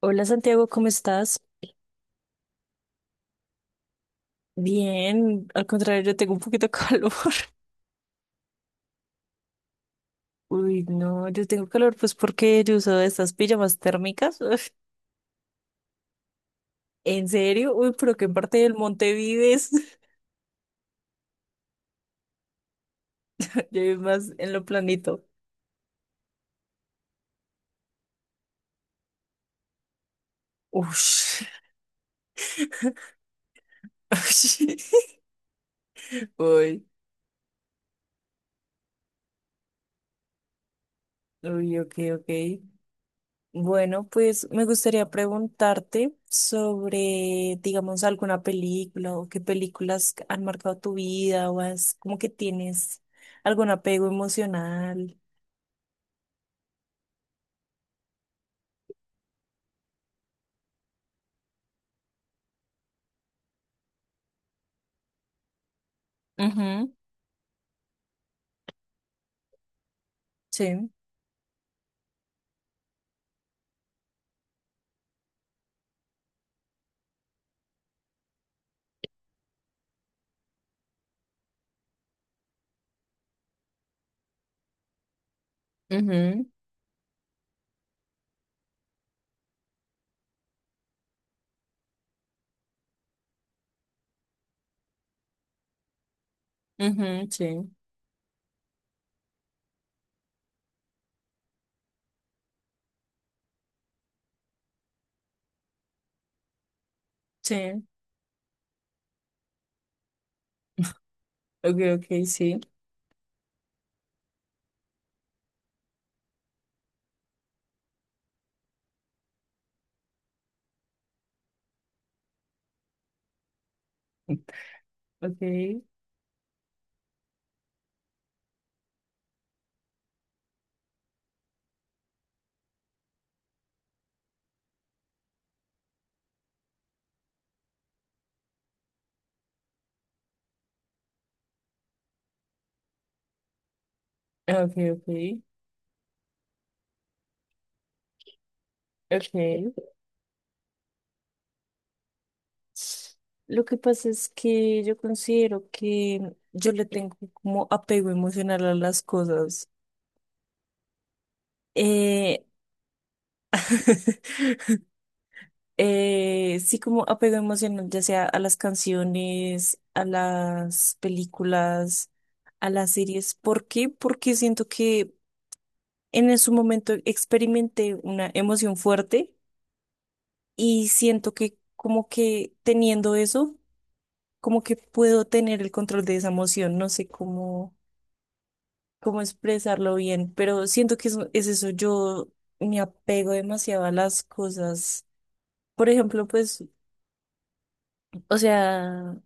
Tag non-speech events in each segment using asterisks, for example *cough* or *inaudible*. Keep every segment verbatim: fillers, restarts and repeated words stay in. Hola, Santiago, ¿cómo estás? Bien, al contrario, yo tengo un poquito de calor. *laughs* Uy, no, yo tengo calor pues porque yo uso estas pijamas térmicas. Uf. ¿En serio? Uy, pero ¿qué parte del monte vives? *laughs* Yo vivo más en lo planito. Ush. *laughs* Uy, uy, ok, ok. Bueno, pues me gustaría preguntarte sobre, digamos, alguna película o qué películas han marcado tu vida o es como que tienes algún apego emocional. Ujú, sí, ujú, ujú, sí, sí, ok, ok, sí, ok, ok, ok, ok. Lo que pasa es que yo considero que yo le tengo como apego emocional a las cosas. Eh, *laughs* eh, sí, como apego emocional, ya sea a las canciones, a las películas, a las series. ¿Por qué? Porque siento que en su momento experimenté una emoción fuerte y siento que como que teniendo eso, como que puedo tener el control de esa emoción. No sé cómo, cómo expresarlo bien, pero siento que eso, es eso. Yo me apego demasiado a las cosas. Por ejemplo, pues, o sea,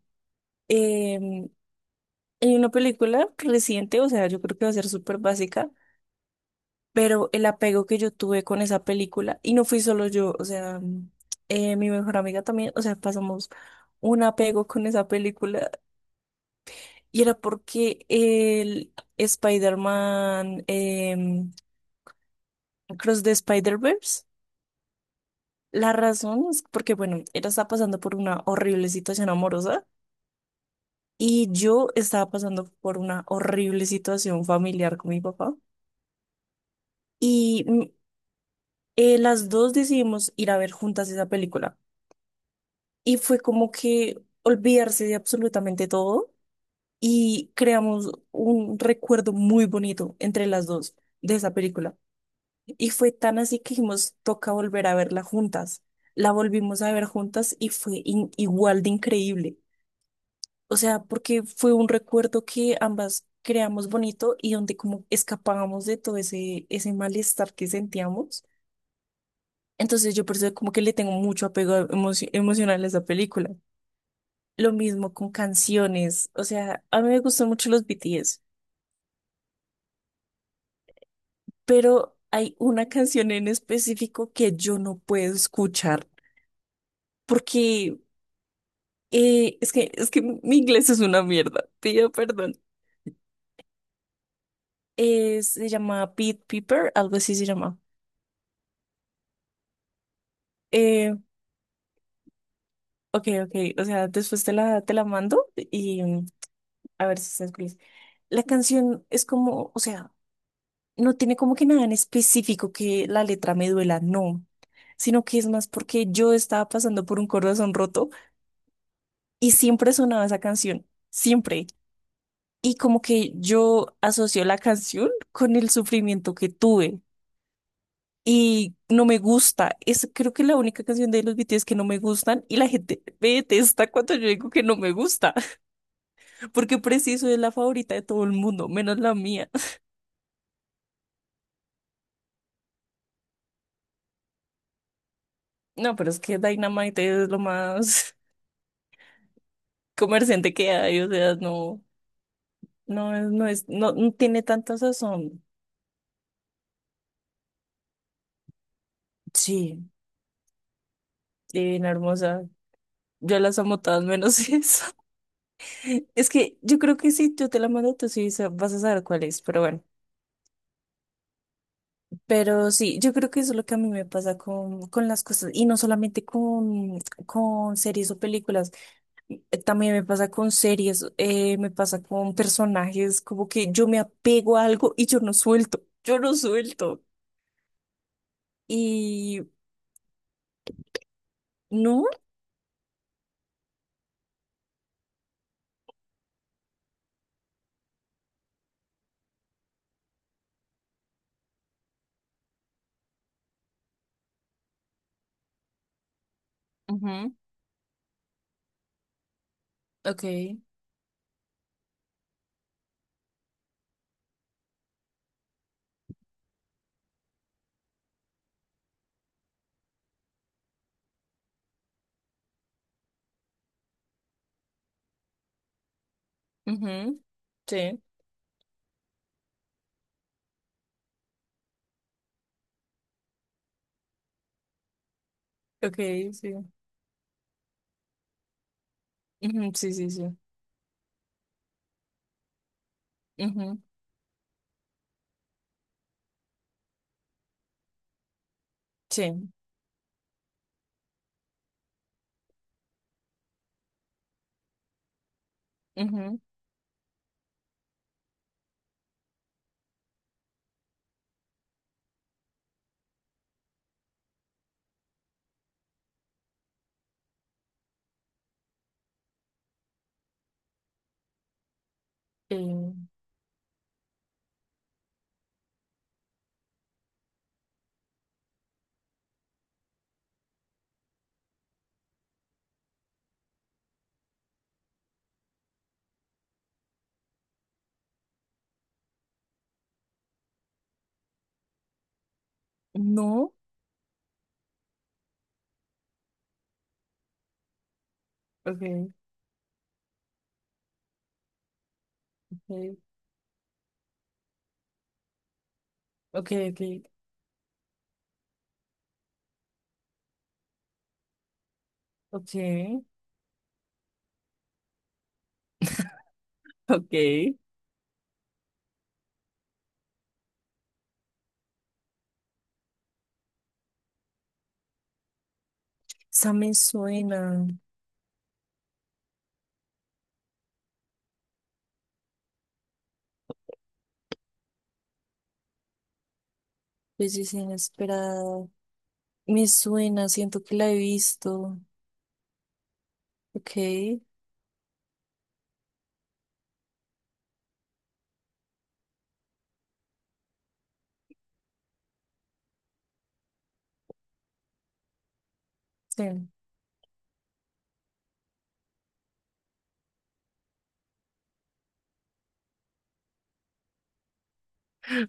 em, hay una película reciente, o sea, yo creo que va a ser súper básica, pero el apego que yo tuve con esa película, y no fui solo yo, o sea, eh, mi mejor amiga también, o sea, pasamos un apego con esa película, y era porque el Spider-Man, em, Cross the Spider-Verse, la razón es porque, bueno, ella estaba pasando por una horrible situación amorosa, y yo estaba pasando por una horrible situación familiar con mi papá, y... mm, eh, las dos decidimos ir a ver juntas esa película. Y fue como que olvidarse de absolutamente todo y creamos un recuerdo muy bonito entre las dos de esa película. Y fue tan así que dijimos, toca volver a verla juntas. La volvimos a ver juntas y fue in- igual de increíble. O sea, porque fue un recuerdo que ambas creamos bonito y donde como escapábamos de todo ese, ese malestar que sentíamos. Entonces yo por eso como que le tengo mucho apego emo- emocional a esa película. Lo mismo con canciones. O sea, a mí me gustan mucho los B T S, pero hay una canción en específico que yo no puedo escuchar porque eh, es que, es que mi inglés es una mierda. Pido perdón. Eh, se llama Pete Piper, algo así se llama. Eh, ok, ok. O sea, después te la, te la mando y mm, a ver si estás feliz. La canción es como, o sea, no tiene como que nada en específico que la letra me duela, no, sino que es más porque yo estaba pasando por un corazón roto y siempre sonaba esa canción, siempre. Y como que yo asocio la canción con el sufrimiento que tuve y no me gusta. Es creo que la única canción de los B T S que no me gustan y la gente *laughs* me detesta cuando yo digo que no me gusta, porque preciso es la favorita de todo el mundo, menos la mía. *laughs* No, pero es que Dynamite es lo más *laughs* comerciante que hay, o sea, no. No, es- no es, no, no tiene tanta sazón. Sí, divina, hermosa. Yo las amo todas menos *laughs* esa. Es que yo creo que si yo te la mando, tú sí sa- vas a saber cuál es, pero bueno. Pero sí, yo creo que eso es lo que a mí me pasa con, con las cosas, y no solamente con, con series o películas, eh, también me pasa con series, eh, me pasa con personajes, como que yo me apego a algo y yo no suelto, yo no suelto. Y no, ujú. Ok, ujú, sí. Ok, sí. Ujú, sí, sí, sí. Ujú, sí. Ujú, eh, no. Ok, ok, ok, ok, ok. Ok. Esa me suena. Belleza Inesperada. Me suena, siento que la he visto. Ok, sí.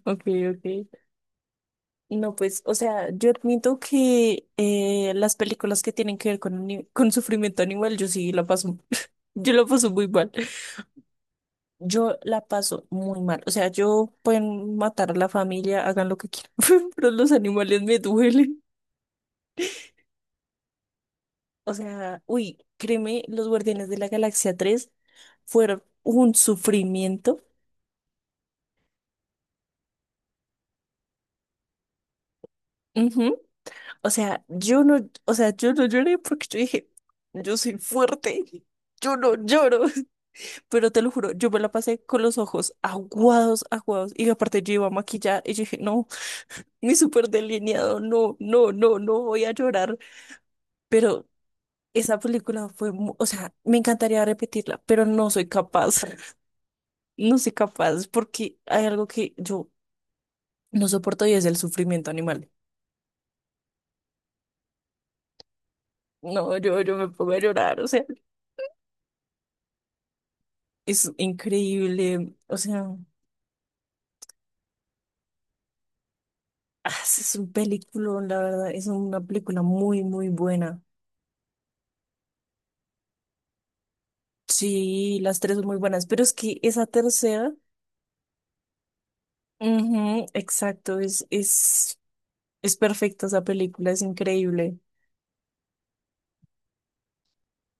Ok, ok. No, pues, o sea, yo admito que eh, las películas que tienen que ver con, ani- con sufrimiento animal, yo sí la paso. *laughs* Yo la paso muy mal. Yo la paso muy mal. O sea, yo pueden matar a la familia, hagan lo que quieran, *laughs* pero los animales me duelen. O sea, uy, créeme, los Guardianes de la Galaxia tres fueron un sufrimiento. Ujú. O sea, yo no, o sea, yo no lloré porque yo dije, yo soy fuerte, yo no lloro. *laughs* Pero te lo juro, yo me la pasé con los ojos aguados, aguados. Y aparte yo iba maquillada y yo dije, no, mi súper delineado, no, no, no, no voy a llorar. Pero esa película fue, mu- o sea, me encantaría repetirla, pero no soy capaz, *laughs* no soy capaz porque hay algo que yo no soporto y es el sufrimiento animal. No, yo, yo me pongo a llorar, o sea, es increíble, o sea, ah, es un película, la verdad, es una película muy, muy buena. Sí, las tres son muy buenas, pero es que esa tercera, ujú, exacto, es, es, es perfecta esa película, es increíble.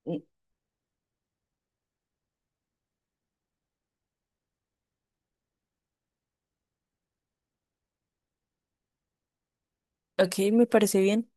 Y- Ok, me parece bien.